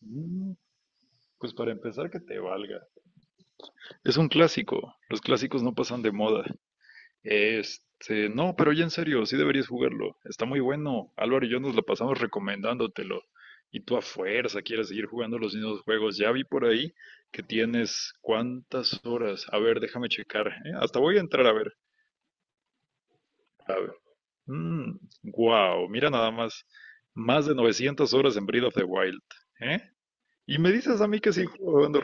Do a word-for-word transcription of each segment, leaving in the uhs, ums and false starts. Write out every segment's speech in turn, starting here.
Mm, Pues para empezar, que te valga. Es un clásico. Los clásicos no pasan de moda. Este, no, pero ya en serio, sí deberías jugarlo. Está muy bueno. Álvaro y yo nos la pasamos recomendándotelo. Y tú a fuerza quieres seguir jugando los mismos juegos. Ya vi por ahí que tienes cuántas horas. A ver, déjame checar. ¿Eh? Hasta voy a entrar a ver. A ver. Mm, wow, mira nada más. Más de novecientas horas en Breath of the Wild. ¿Eh? Y me dices a mí que sí jugando.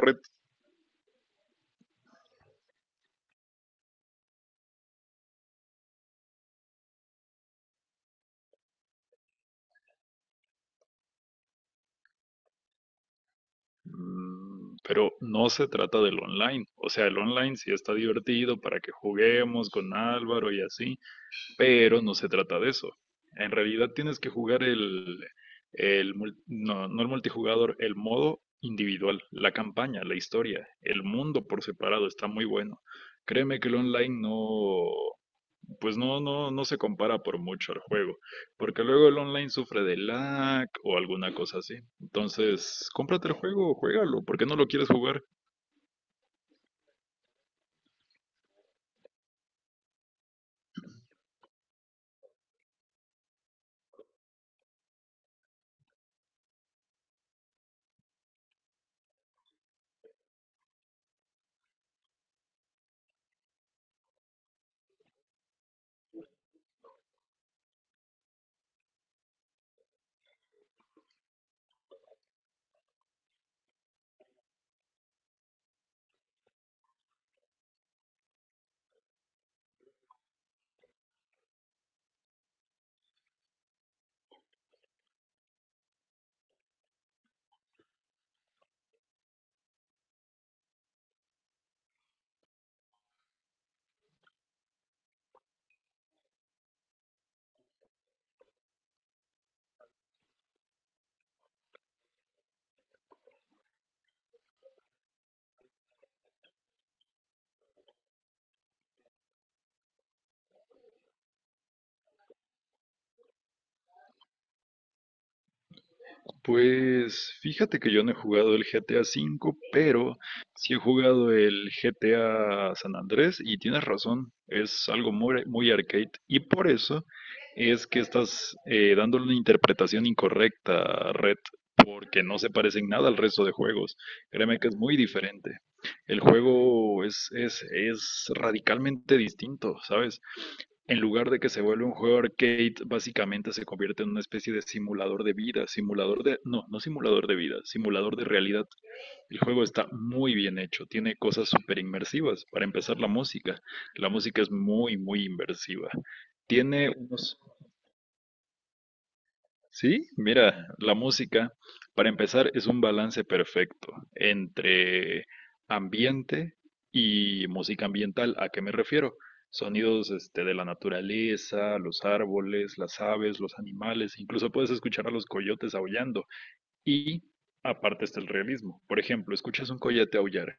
Mm, Pero no se trata del online. O sea, el online sí está divertido para que juguemos con Álvaro y así, pero no se trata de eso. En realidad tienes que jugar el, el mul- no, no el multijugador, el modo individual, la campaña, la historia, el mundo por separado está muy bueno. Créeme que el online no, pues no, no, no se compara por mucho al juego, porque luego el online sufre de lag o alguna cosa así. Entonces, cómprate el juego, juégalo. ¿Por qué no lo quieres jugar? Pues fíjate que yo no he jugado el G T A cinco, pero sí he jugado el G T A San Andrés y tienes razón, es algo muy, muy arcade, y por eso es que estás eh, dándole una interpretación incorrecta a Red, porque no se parecen nada al resto de juegos. Créeme que es muy diferente. El juego es, es, es radicalmente distinto, ¿sabes? En lugar de que se vuelva un juego arcade, básicamente se convierte en una especie de simulador de vida, simulador de, no, no simulador de vida, simulador de realidad. El juego está muy bien hecho, tiene cosas súper inmersivas. Para empezar, la música. La música es muy, muy inmersiva. Tiene unos, sí, mira, la música, para empezar, es un balance perfecto entre ambiente y música ambiental. ¿A qué me refiero? Sonidos, este, de la naturaleza, los árboles, las aves, los animales, incluso puedes escuchar a los coyotes aullando. Y aparte está el realismo. Por ejemplo, escuchas un coyote aullar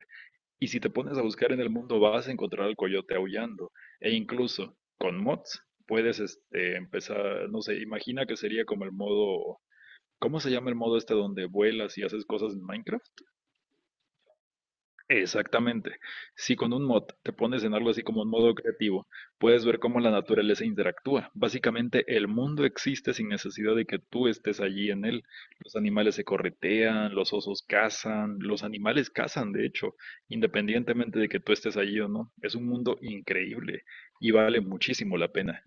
y si te pones a buscar en el mundo vas a encontrar al coyote aullando. E incluso con mods puedes este, empezar, no sé, imagina que sería como el modo. ¿Cómo se llama el modo este donde vuelas y haces cosas en Minecraft? Exactamente. Si con un mod te pones en algo así como un modo creativo, puedes ver cómo la naturaleza interactúa. Básicamente, el mundo existe sin necesidad de que tú estés allí en él. Los animales se corretean, los osos cazan, los animales cazan, de hecho, independientemente de que tú estés allí o no. Es un mundo increíble y vale muchísimo la pena.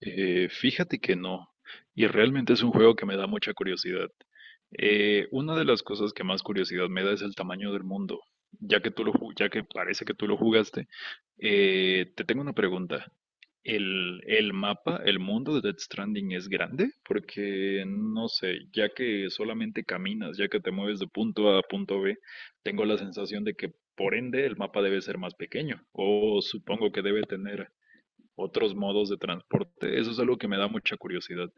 Eh, fíjate que no, y realmente es un juego que me da mucha curiosidad. Eh, una de las cosas que más curiosidad me da es el tamaño del mundo. Ya que tú lo, ju- ya que parece que tú lo jugaste, eh, te tengo una pregunta. ¿El, el mapa, el mundo de Death Stranding es grande? Porque no sé, ya que solamente caminas, ya que te mueves de punto A a punto B, tengo la sensación de que por ende el mapa debe ser más pequeño, o supongo que debe tener otros modos de transporte. Eso es algo que me da mucha curiosidad.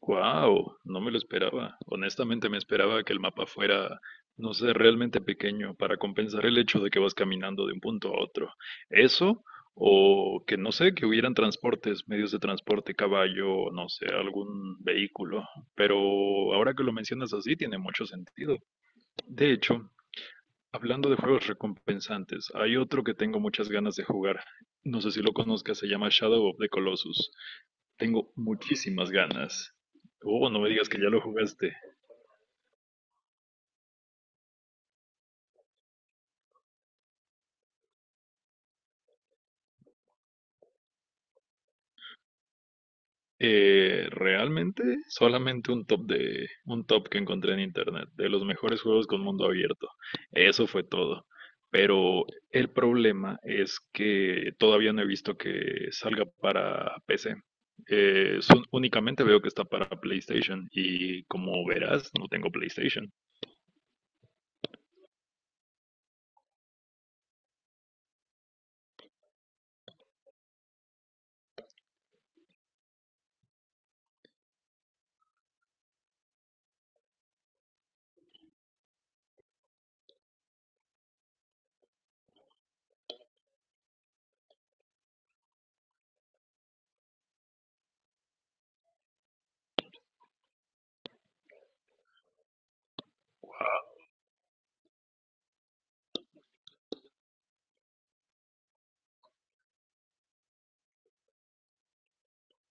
¡Wow! No me lo esperaba. Honestamente me esperaba que el mapa fuera, no sé, realmente pequeño para compensar el hecho de que vas caminando de un punto a otro. Eso, o que no sé, que hubieran transportes, medios de transporte, caballo, no sé, algún vehículo. Pero ahora que lo mencionas así, tiene mucho sentido. De hecho, hablando de juegos recompensantes, hay otro que tengo muchas ganas de jugar. No sé si lo conozcas, se llama Shadow of the Colossus. Tengo muchísimas ganas. Oh, no me digas que ya lo jugaste. Eh, realmente solamente un top de un top que encontré en internet de los mejores juegos con mundo abierto. Eso fue todo. Pero el problema es que todavía no he visto que salga para P C. Eh, son- únicamente veo que está para PlayStation y como verás, no tengo PlayStation.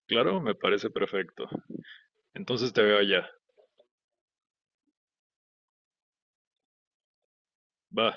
Claro, me parece perfecto. Entonces te veo allá. Va.